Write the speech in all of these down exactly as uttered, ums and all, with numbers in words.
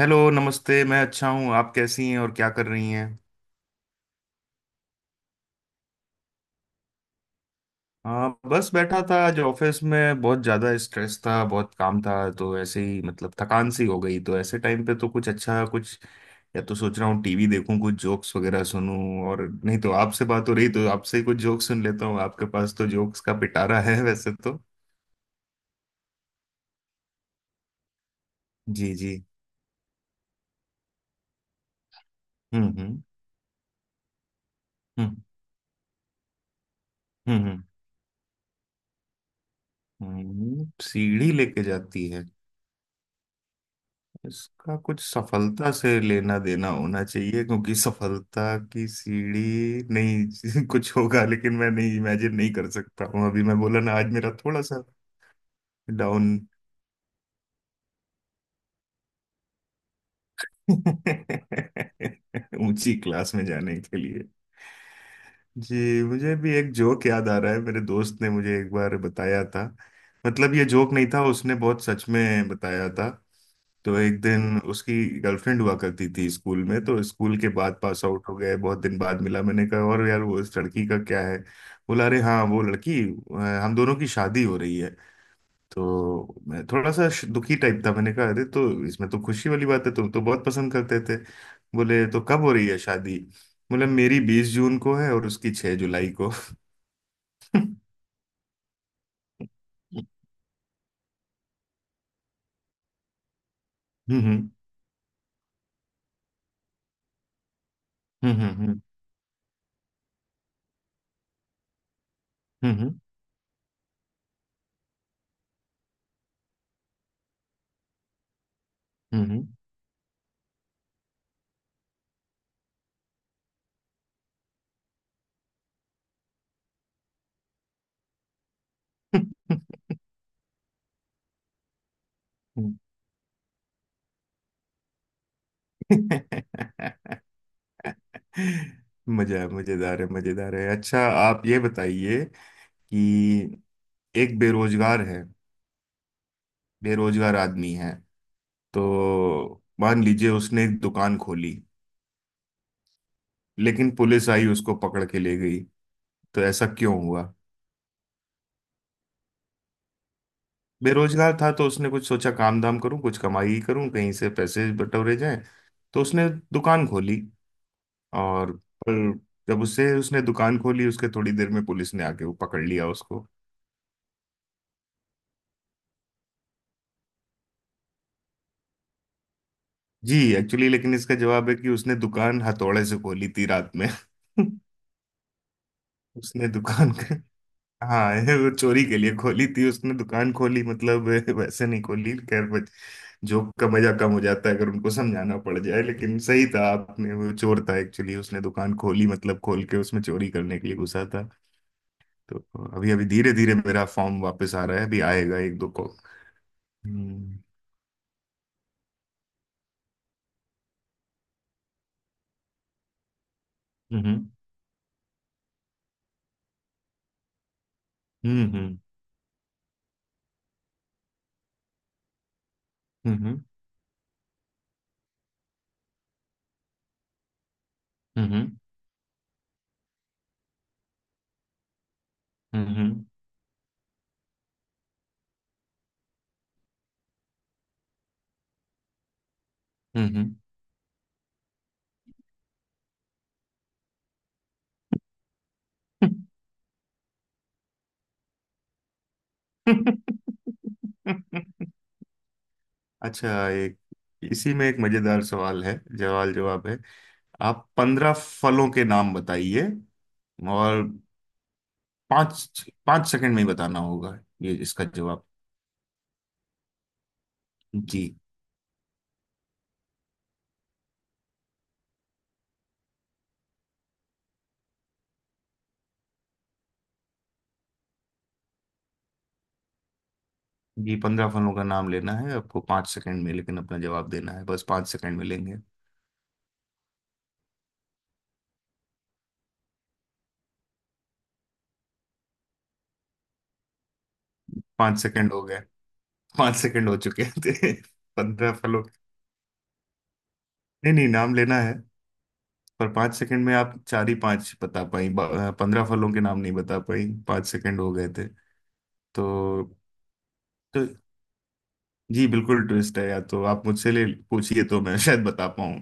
Hello, नमस्ते। मैं अच्छा हूँ। आप कैसी हैं और क्या कर रही हैं। हाँ, बस बैठा था। आज ऑफिस में बहुत ज़्यादा स्ट्रेस था, बहुत काम था। तो ऐसे ही मतलब थकान सी हो गई। तो ऐसे टाइम पे तो कुछ अच्छा कुछ या तो सोच रहा हूँ टीवी देखूँ, कुछ जोक्स वगैरह सुनूं, और नहीं तो आपसे बात हो रही तो आपसे ही कुछ जोक्स सुन लेता हूँ। आपके पास तो जोक्स का पिटारा है वैसे तो। जी जी। हम्म। हम्म। हम्म। हम्म। हम्म हम्म, सीढ़ी लेके जाती है। इसका कुछ सफलता से लेना देना होना चाहिए, क्योंकि सफलता की सीढ़ी। नहीं कुछ होगा लेकिन मैं नहीं इमेजिन नहीं कर सकता हूँ अभी। मैं बोला ना आज मेरा थोड़ा सा डाउन। ऊंची क्लास में जाने के लिए। जी, मुझे भी एक जोक याद आ रहा है, मेरे दोस्त ने मुझे एक बार बताया था। मतलब ये जोक नहीं था, उसने बहुत सच में बताया था। तो एक दिन उसकी गर्लफ्रेंड हुआ करती थी स्कूल में। तो स्कूल के बाद पास आउट हो गए, बहुत दिन बाद मिला। मैंने कहा और यार वो इस लड़की का क्या है। बोला अरे हाँ, वो लड़की अ, हम दोनों की शादी हो रही है। तो मैं थोड़ा सा श- दुखी टाइप था। मैंने कहा अरे तो इसमें तो खुशी वाली बात है, तुम तो बहुत पसंद करते थे। बोले तो कब हो रही है शादी। बोले मेरी बीस जून को है और उसकी छह जुलाई को। हम्म। हम्म। हम्म। हम्म। हम्म। हम्म। हम्म। हम्म, हम्म। मजा, मजेदार है मजेदार है। अच्छा आप ये बताइए कि एक बेरोजगार है। बेरोजगार आदमी है। तो मान लीजिए उसने एक दुकान खोली, लेकिन पुलिस आई, उसको पकड़ के ले गई। तो ऐसा क्यों हुआ। बेरोजगार था तो उसने कुछ सोचा काम धाम करूं, कुछ कमाई करूं, कहीं से पैसे बटोरे जाएं। तो उसने दुकान खोली और पर जब उससे उसने दुकान खोली उसके थोड़ी देर में पुलिस ने आके वो पकड़ लिया उसको। जी एक्चुअली, लेकिन इसका जवाब है कि उसने दुकान हथौड़े से खोली थी रात में। उसने दुकान का, हाँ ये वो चोरी के लिए खोली थी। उसने दुकान खोली मतलब वैसे नहीं खोली, खैर। बच- जोक का मजा कम हो जाता है अगर उनको समझाना पड़ जाए, लेकिन सही था आपने, वो चोर था एक्चुअली, उसने दुकान खोली मतलब खोल के उसमें चोरी करने के लिए घुसा था। तो अभी अभी धीरे धीरे मेरा फॉर्म वापस आ रहा है, अभी आएगा एक दो को। हम्म। हम्म। हम्म। हम्म। हम्म। हम्म। हम्म। हम्म। हम्म, हम्म। अच्छा, एक इसी में एक मजेदार सवाल है, सवाल जवाब है। आप पंद्रह फलों के नाम बताइए, और पांच पांच सेकंड में ही बताना होगा। ये इसका जवाब। जी जी, पंद्रह फलों का नाम लेना है आपको पांच सेकंड में, लेकिन अपना जवाब देना है बस पांच सेकंड में लेंगे। पांच सेकंड हो गए। पांच सेकंड हो चुके थे। पंद्रह फलों। नहीं नहीं, नाम लेना है। पर पांच सेकंड में आप चार ही पांच बता पाई, ब- पंद्रह फलों के नाम नहीं बता पाई, पांच सेकंड हो गए थे। तो, तो जी बिल्कुल ट्विस्ट है, या तो आप मुझसे ले पूछिए, तो मैं शायद बता पाऊं।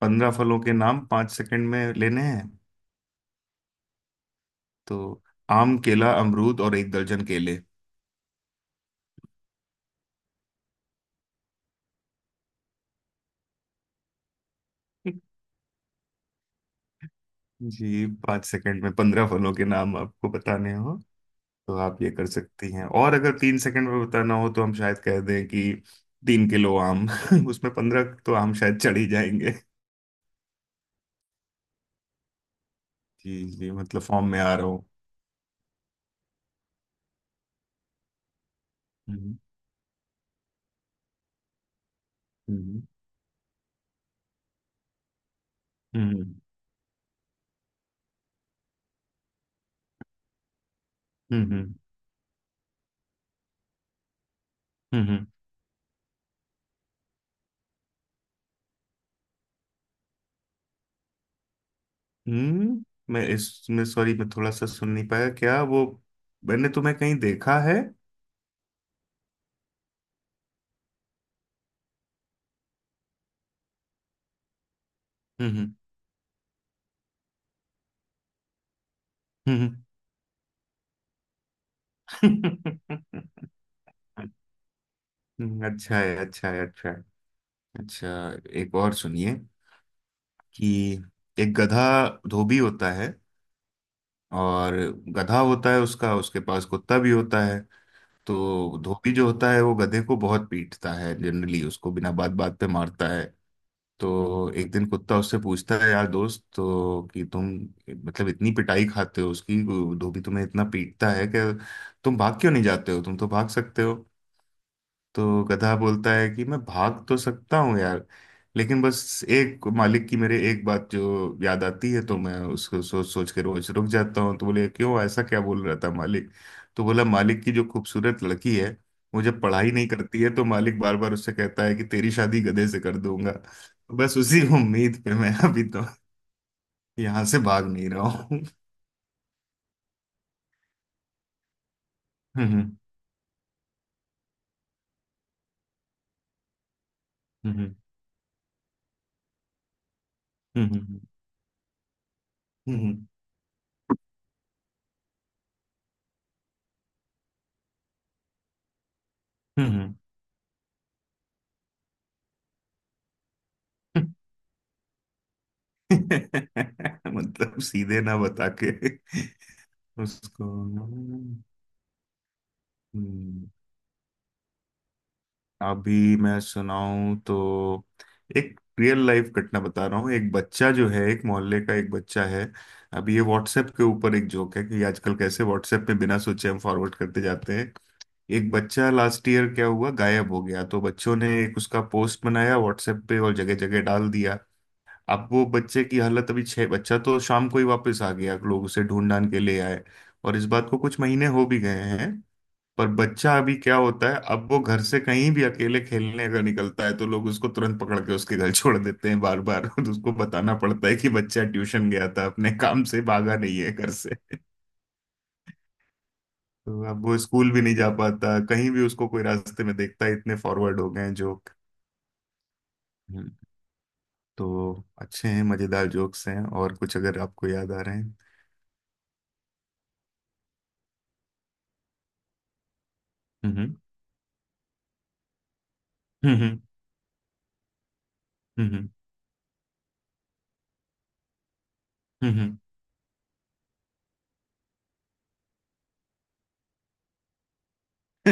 पंद्रह फलों के नाम पांच सेकंड में लेने हैं, तो आम, केला, अमरूद, और एक दर्जन केले। जी, पांच सेकंड में पंद्रह फलों के नाम आपको बताने हो तो आप ये कर सकती हैं। और अगर तीन सेकंड में बताना हो तो हम शायद कह दें कि तीन किलो आम। उसमें पंद्रह तो आम शायद चढ़ ही जाएंगे। जी जी, मतलब फॉर्म में आ रहा हूँ। हम्म। हम्म। हम्म। हम्म। हम्म। हम्म, हम्म। मैं इसमें सॉरी, मैं थोड़ा सा सुन नहीं पाया। क्या वो मैंने तुम्हें कहीं देखा है। हम्म। हम्म। हम्म, अच्छा है अच्छा है अच्छा है। अच्छा, एक और सुनिए कि एक गधा, धोबी होता है, और गधा होता है उसका, उसके पास कुत्ता भी होता है। तो धोबी जो होता है वो गधे को बहुत पीटता है जनरली, उसको बिना बात बात पे मारता है। तो एक दिन कुत्ता उससे पूछता है, यार दोस्त तो कि तुम मतलब इतनी पिटाई खाते हो उसकी, धोबी तुम्हें इतना पीटता है कि तुम भाग क्यों नहीं जाते हो, तुम तो भाग सकते हो। तो गधा बोलता है कि मैं भाग तो सकता हूँ यार, लेकिन बस एक मालिक की, मेरे एक बात जो याद आती है तो मैं उसको सोच सोच के रोज रुक जाता हूँ। तो बोले क्यों, ऐसा क्या बोल रहा था मालिक। तो बोला, मालिक की जो खूबसूरत लड़की है वो जब पढ़ाई नहीं करती है तो मालिक बार बार उससे कहता है कि तेरी शादी गधे से कर दूंगा। तो बस उसी उम्मीद पे मैं अभी तो यहाँ से भाग नहीं रहा हूँ। हम्म। हम्म। हम्म। हम्म। हम्म। हम्म। हम्म। मतलब सीधे ना बता के उसको। हम्म, अभी मैं सुनाऊं तो एक रियल लाइफ घटना बता रहा हूँ। एक बच्चा जो है, एक मोहल्ले का एक बच्चा है। अभी ये व्हाट्सएप के ऊपर एक जोक है कि आजकल कैसे व्हाट्सएप पे बिना सोचे हम फॉरवर्ड करते जाते हैं। एक बच्चा लास्ट ईयर क्या हुआ, गायब हो गया, तो बच्चों ने एक उसका पोस्ट बनाया व्हाट्सएप पे और जगह जगह डाल दिया। अब वो बच्चे की हालत, अभी छह, बच्चा तो शाम को ही वापस आ गया, लोग उसे ढूंढ ढांढ के ले आए, और इस बात को कुछ महीने हो भी गए हैं। पर बच्चा अभी क्या होता है, अब वो घर से कहीं भी अकेले खेलने अगर निकलता है तो लोग उसको तुरंत पकड़ के उसके घर छोड़ देते हैं बार बार। तो उसको बताना पड़ता है कि बच्चा ट्यूशन गया था, अपने काम से, भागा नहीं है घर से। तो अब वो स्कूल भी नहीं जा पाता, कहीं भी उसको कोई रास्ते में देखता है। इतने फॉरवर्ड हो गए हैं जोक। हम्म, तो अच्छे हैं, मजेदार जोक्स हैं। और कुछ अगर आपको याद आ रहे हैं। हम्म। हम्म। हम्म। हम्म। हम्म। हम्म,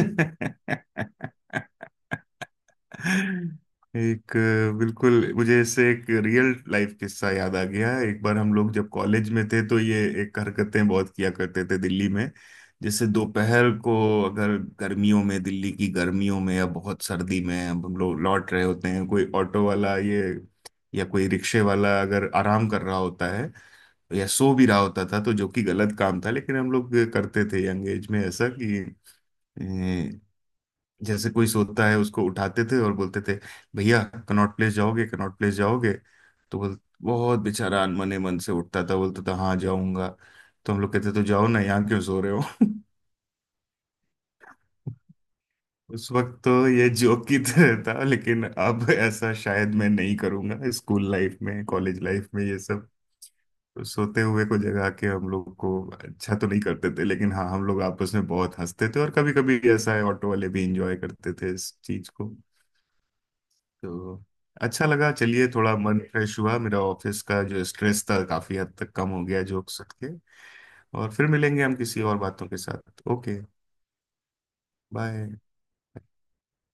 हम्म। एक अ, बिल्कुल मुझे इससे एक रियल लाइफ किस्सा याद आ गया। एक बार हम लोग जब कॉलेज में थे तो ये एक हरकतें बहुत किया करते थे दिल्ली में, जैसे दोपहर को, अगर गर्मियों में, दिल्ली की गर्मियों में या बहुत सर्दी में, अब हम लोग लौट रहे होते हैं, कोई ऑटो वाला ये या कोई रिक्शे वाला अगर आराम कर रहा होता है या सो भी रहा होता था, तो जो कि गलत काम था लेकिन हम लोग करते थे यंग एज में ऐसा कि जैसे कोई सोता है उसको उठाते थे और बोलते थे, भैया कनॉट प्लेस जाओगे, कनॉट प्लेस जाओगे। तो बोल, बहुत बेचारा अनमने मन से उठता था, बोलता था हाँ जाऊंगा। तो हम लोग कहते तो जाओ ना, यहाँ क्यों सो रहे हो। उस वक्त तो ये जोक की तरह था लेकिन अब ऐसा शायद मैं नहीं करूंगा। स्कूल लाइफ में, कॉलेज लाइफ में, ये सब सोते हुए को जगा के हम लोग को अच्छा तो नहीं करते थे, लेकिन हाँ हम लोग आपस में बहुत हंसते थे, और कभी कभी ऐसा है ऑटो वाले भी इंजॉय करते थे इस चीज को। तो अच्छा लगा, चलिए थोड़ा मन फ्रेश हुआ मेरा, ऑफिस का जो स्ट्रेस था काफी हद तक कम हो गया जोक्स सुन के। और फिर मिलेंगे हम किसी और बातों के साथ। Okay, bye.